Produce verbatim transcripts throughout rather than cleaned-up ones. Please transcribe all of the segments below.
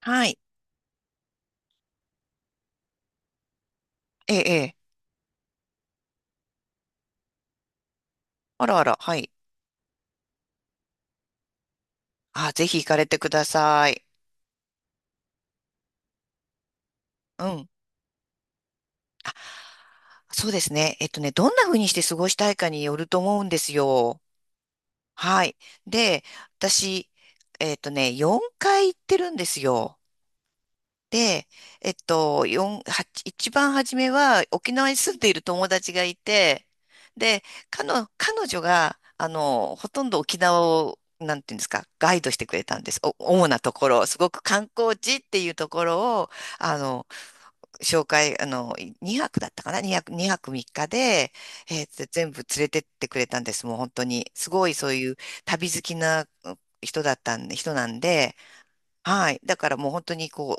はい。ええ、ええ。あらあら、はい。あ、ぜひ行かれてください。うん。そうですね。えっとね、どんな風にして過ごしたいかによると思うんですよ。はい。で、私、えっとね、よんかい行ってるんですよ。で、えっと、四はち一番初めは沖縄に住んでいる友達がいて、で、彼女、彼女が、あの、ほとんど沖縄を、なんていうんですか、ガイドしてくれたんです。お、主なところ、すごく観光地っていうところを、あの、紹介、あの、にはくだったかな？ に 泊、にはくみっかで、えーつ全部連れてってくれたんです。もう本当に。すごいそういう旅好きな人だったんで、人なんで、はい。だからもう本当にこ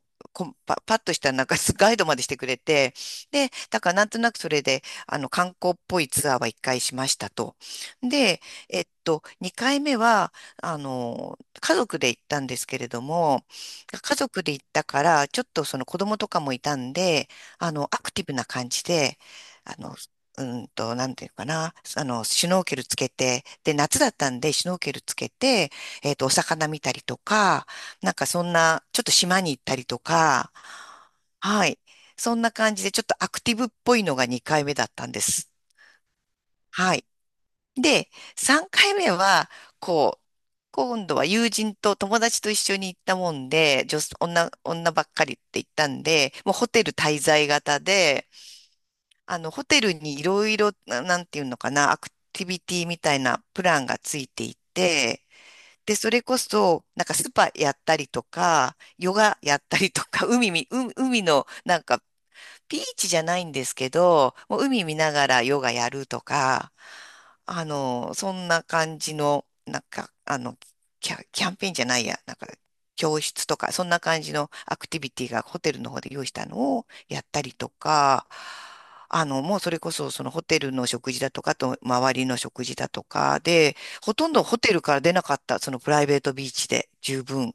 う、こんパ、パッとしたなんか ガイドまでしてくれて、で、だからなんとなくそれで、あの、観光っぽいツアーはいっかいしましたと。で、えっと、にかいめは、あの、家族で行ったんですけれども、家族で行ったから、ちょっとその子供とかもいたんで、あの、アクティブな感じで、あの、うんと、なんていうかな、あの、シュノーケルつけて、で、夏だったんで、シュノーケルつけて、えっと、お魚見たりとか、なんかそんな、ちょっと島に行ったりとか、はい。そんな感じで、ちょっとアクティブっぽいのがにかいめだったんです。はい。で、さんかいめは、こう、今度は友人と友達と一緒に行ったもんで、女、女、女ばっかりって言ったんで、もうホテル滞在型で、あの、ホテルにいろいろ、ななんていうのかな、アクティビティみたいなプランがついていて、で、それこそ、なんかスパやったりとか、ヨガやったりとか、海み、う海のなんかビーチじゃないんですけど、もう海見ながらヨガやるとか、あの、そんな感じの、なんか、あの、キャ、キャンペーンじゃないや、なんか、教室とか、そんな感じのアクティビティがホテルの方で用意したのをやったりとか、あの、もうそれこそそのホテルの食事だとか、あと周りの食事だとかで、ほとんどホテルから出なかった、そのプライベートビーチで十分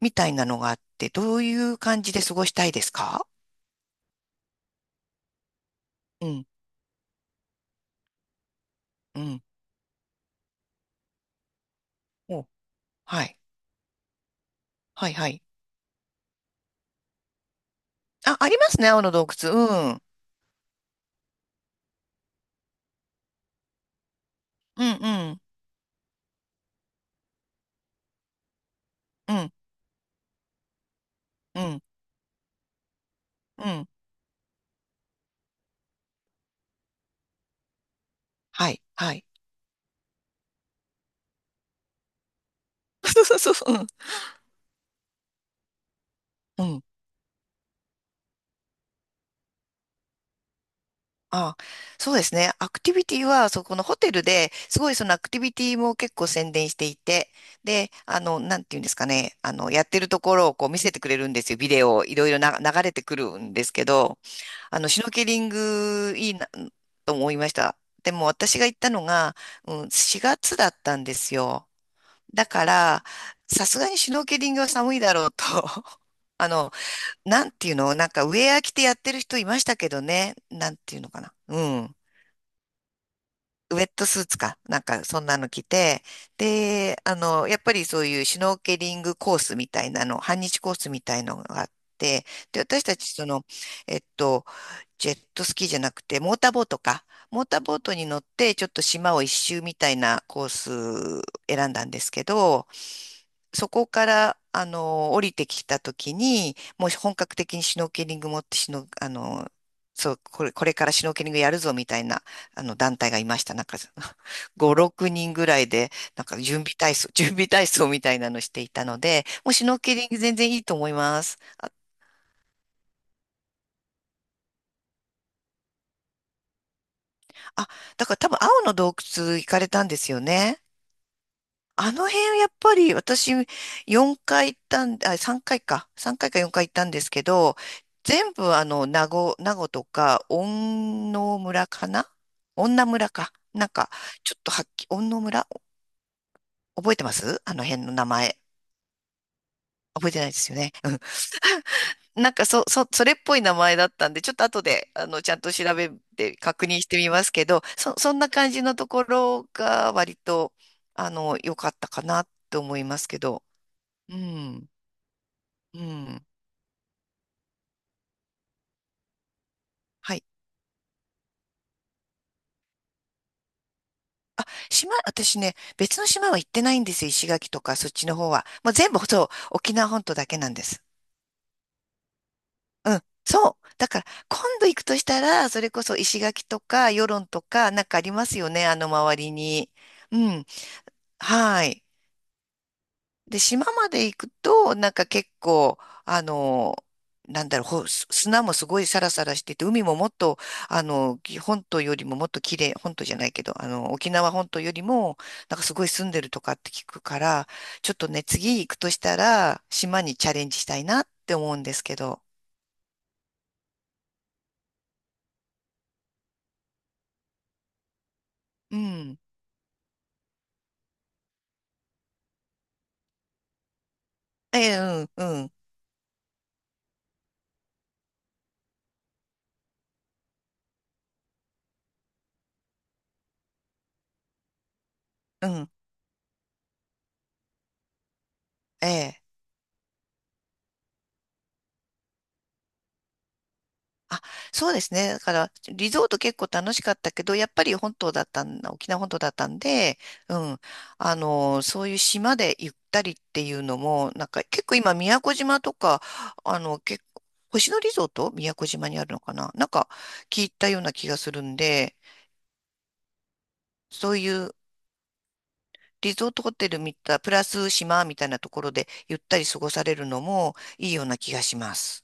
みたいなのがあって、どういう感じで過ごしたいですか？うん、うん。はい。はい、はい。あ、ありますね、青の洞窟。うん。うん、うん、うん、うん、うん。はい、はい。そうそうそう。うん。うん。あ、そうですね。アクティビティは、そこのホテルで、すごいそのアクティビティも結構宣伝していて、で、あの、なんていうんですかね、あの、やってるところをこう見せてくれるんですよ。ビデオをいろいろな流れてくるんですけど、あの、シュノーケリングいいな、と思いました。でも私が行ったのが、うん、しがつだったんですよ。だから、さすがにシュノーケリングは寒いだろうと。あの、なんていうのなんかウェア着てやってる人いましたけどね。なんていうのかな。うん。ウェットスーツか。なんかそんなの着て。で、あの、やっぱりそういうシュノーケリングコースみたいなの、はんにちコースみたいのがあって、で、私たちその、えっと、ジェットスキーじゃなくて、モーターボートか。モーターボートに乗って、ちょっと島をいっしゅうみたいなコース選んだんですけど、そこから、あの、降りてきたときに、もう本格的にシュノーケリング持ってシュノ、あの、そう、これ、これからシュノーケリングやるぞみたいな、あの、団体がいました。なんか、ご、ろくにんぐらいで、なんか準備体操、準備体操みたいなのしていたので、もうシュノーケリング全然いいと思います。あ、あだから多分青の洞窟行かれたんですよね。あの辺やっぱり私4回行ったん、あ、さんかいかいか。さんかいかよんかい行ったんですけど、全部あの、名護、名護とか、恩納村かな、恩納村か。なんか、ちょっとはっき、恩納村覚えてますあの辺の名前。覚えてないですよね。なんかそ、そ、それっぽい名前だったんで、ちょっと後で、あの、ちゃんと調べて確認してみますけど、そ、そんな感じのところが割と、あの、良かったかなと思いますけど。うん。うん。はい。あ、島、私ね、別の島は行ってないんですよ。石垣とか、そっちの方は。もう全部、そう、沖縄本島だけなんです。うん。そう。だから、今度行くとしたら、それこそ石垣とか、与論とか、なんかありますよね。あの周りに。うん。はい。で、島まで行くと、なんか結構、あの、なんだろう、ほす砂もすごいサラサラしてて、海ももっと、あの、き本島よりももっと綺麗、本島じゃないけど、あの、沖縄本島よりも、なんかすごい住んでるとかって聞くから、ちょっとね、次行くとしたら、島にチャレンジしたいなって思うんですけど。うん。ええ、うん、うん、うん、ええ。あ、そうですね。だから、リゾート結構楽しかったけど、やっぱり本島だったん、沖縄本島だったんで、うん。あの、そういう島でゆったりっていうのも、なんか結構今、宮古島とか、あの、結構、星野リゾート宮古島にあるのかな、なんか聞いたような気がするんで、そういうリゾートホテル見た、プラス島みたいなところでゆったり過ごされるのもいいような気がします。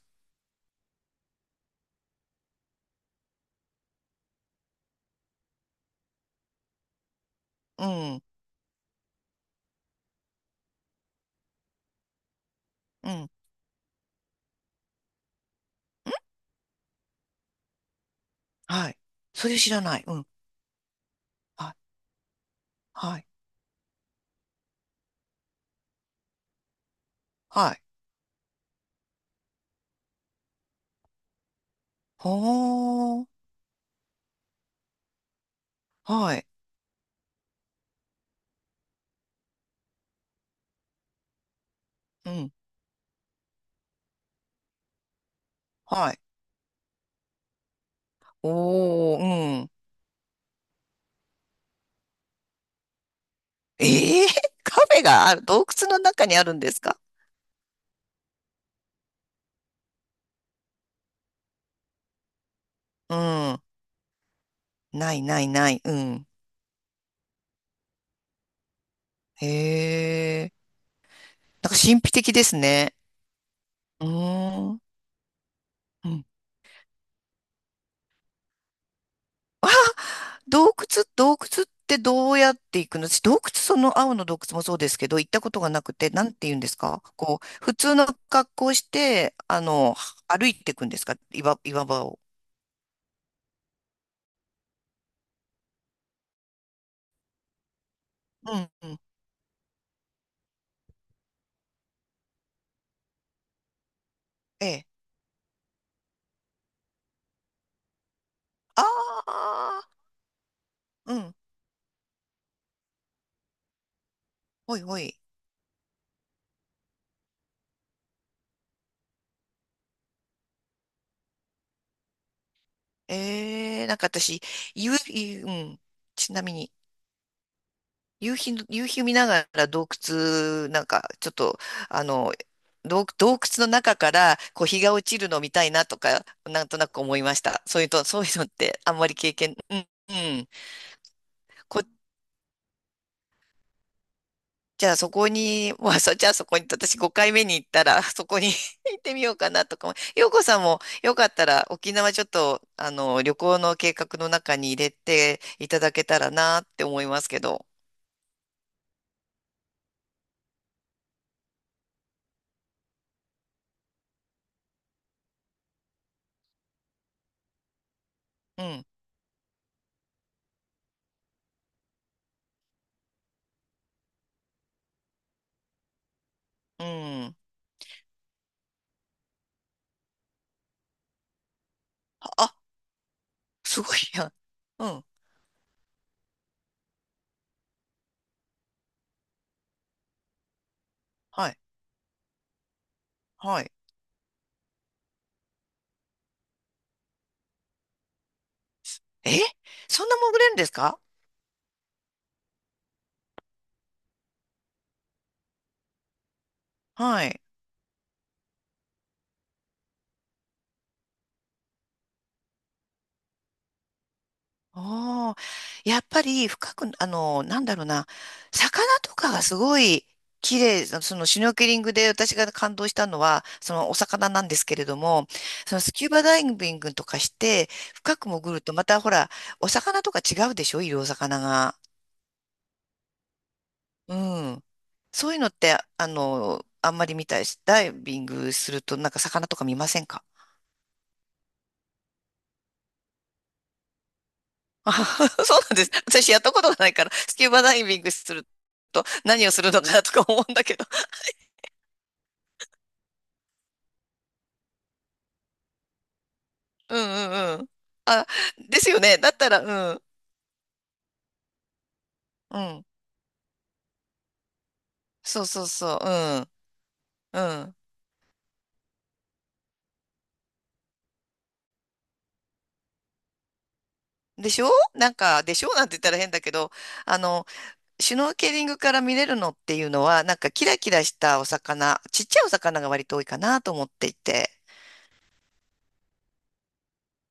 うん、うん、はい。それ知らない。うん、はい、はい、はい。はあ、はい。うん、はい。おー、うん。ええ。 カフェがある、洞窟の中にあるんですか？うん。ないないない。うん。へえ。なんか神秘的ですね。うーん。うん。あ、洞窟、洞窟ってどうやって行くの、私、洞窟、その青の洞窟もそうですけど、行ったことがなくて、なんて言うんですかこう、普通の格好をして、あの、歩いていくんですか、岩、岩場を。うん、うん。ええ。ああ、うん。おいおい。えー、なんか私、夕日、うん。ちなみに、夕日の、夕日見ながら洞窟、なんか、ちょっと、あの、洞、洞窟の中から、こう、日が落ちるのを見たいなとか、なんとなく思いました。そういうと、そういうのって、あんまり経験、うん、うん。こじゃあそこに、まあ、そ、じゃあそこに、私ごかいめに行ったら、そこに 行ってみようかなとかも。洋子さんもよかったら沖縄ちょっと、あの、旅行の計画の中に入れていただけたらなって思いますけど。うん、うん。あ、すごいやん。うん、はい、はい。え、そんな潜れるんですか？はい。ああ、やっぱり深く、あの、なんだろうな、魚とかがすごい綺麗、そのそのシュノーケリングで私が感動したのは、そのお魚なんですけれども、そのスキューバダイビングとかして、深く潜るとまたほら、お魚とか違うでしょ、いるお魚が。うん。そういうのって、あの、あんまり見たいし、ダイビングするとなんか魚とか見ませんか？あ。 そうなんです。私やったことがないから、スキューバダイビングすると何をするのかなとか思うんだけど。うんうんうん。あ、ですよね。だったら、うん。うん。そうそうそう。うん。うん。でしょ、なんか、でしょなんて言ったら変だけど、あの、シュノーケリングから見れるのっていうのは、なんかキラキラしたお魚、ちっちゃいお魚が割と多いかなと思っていて。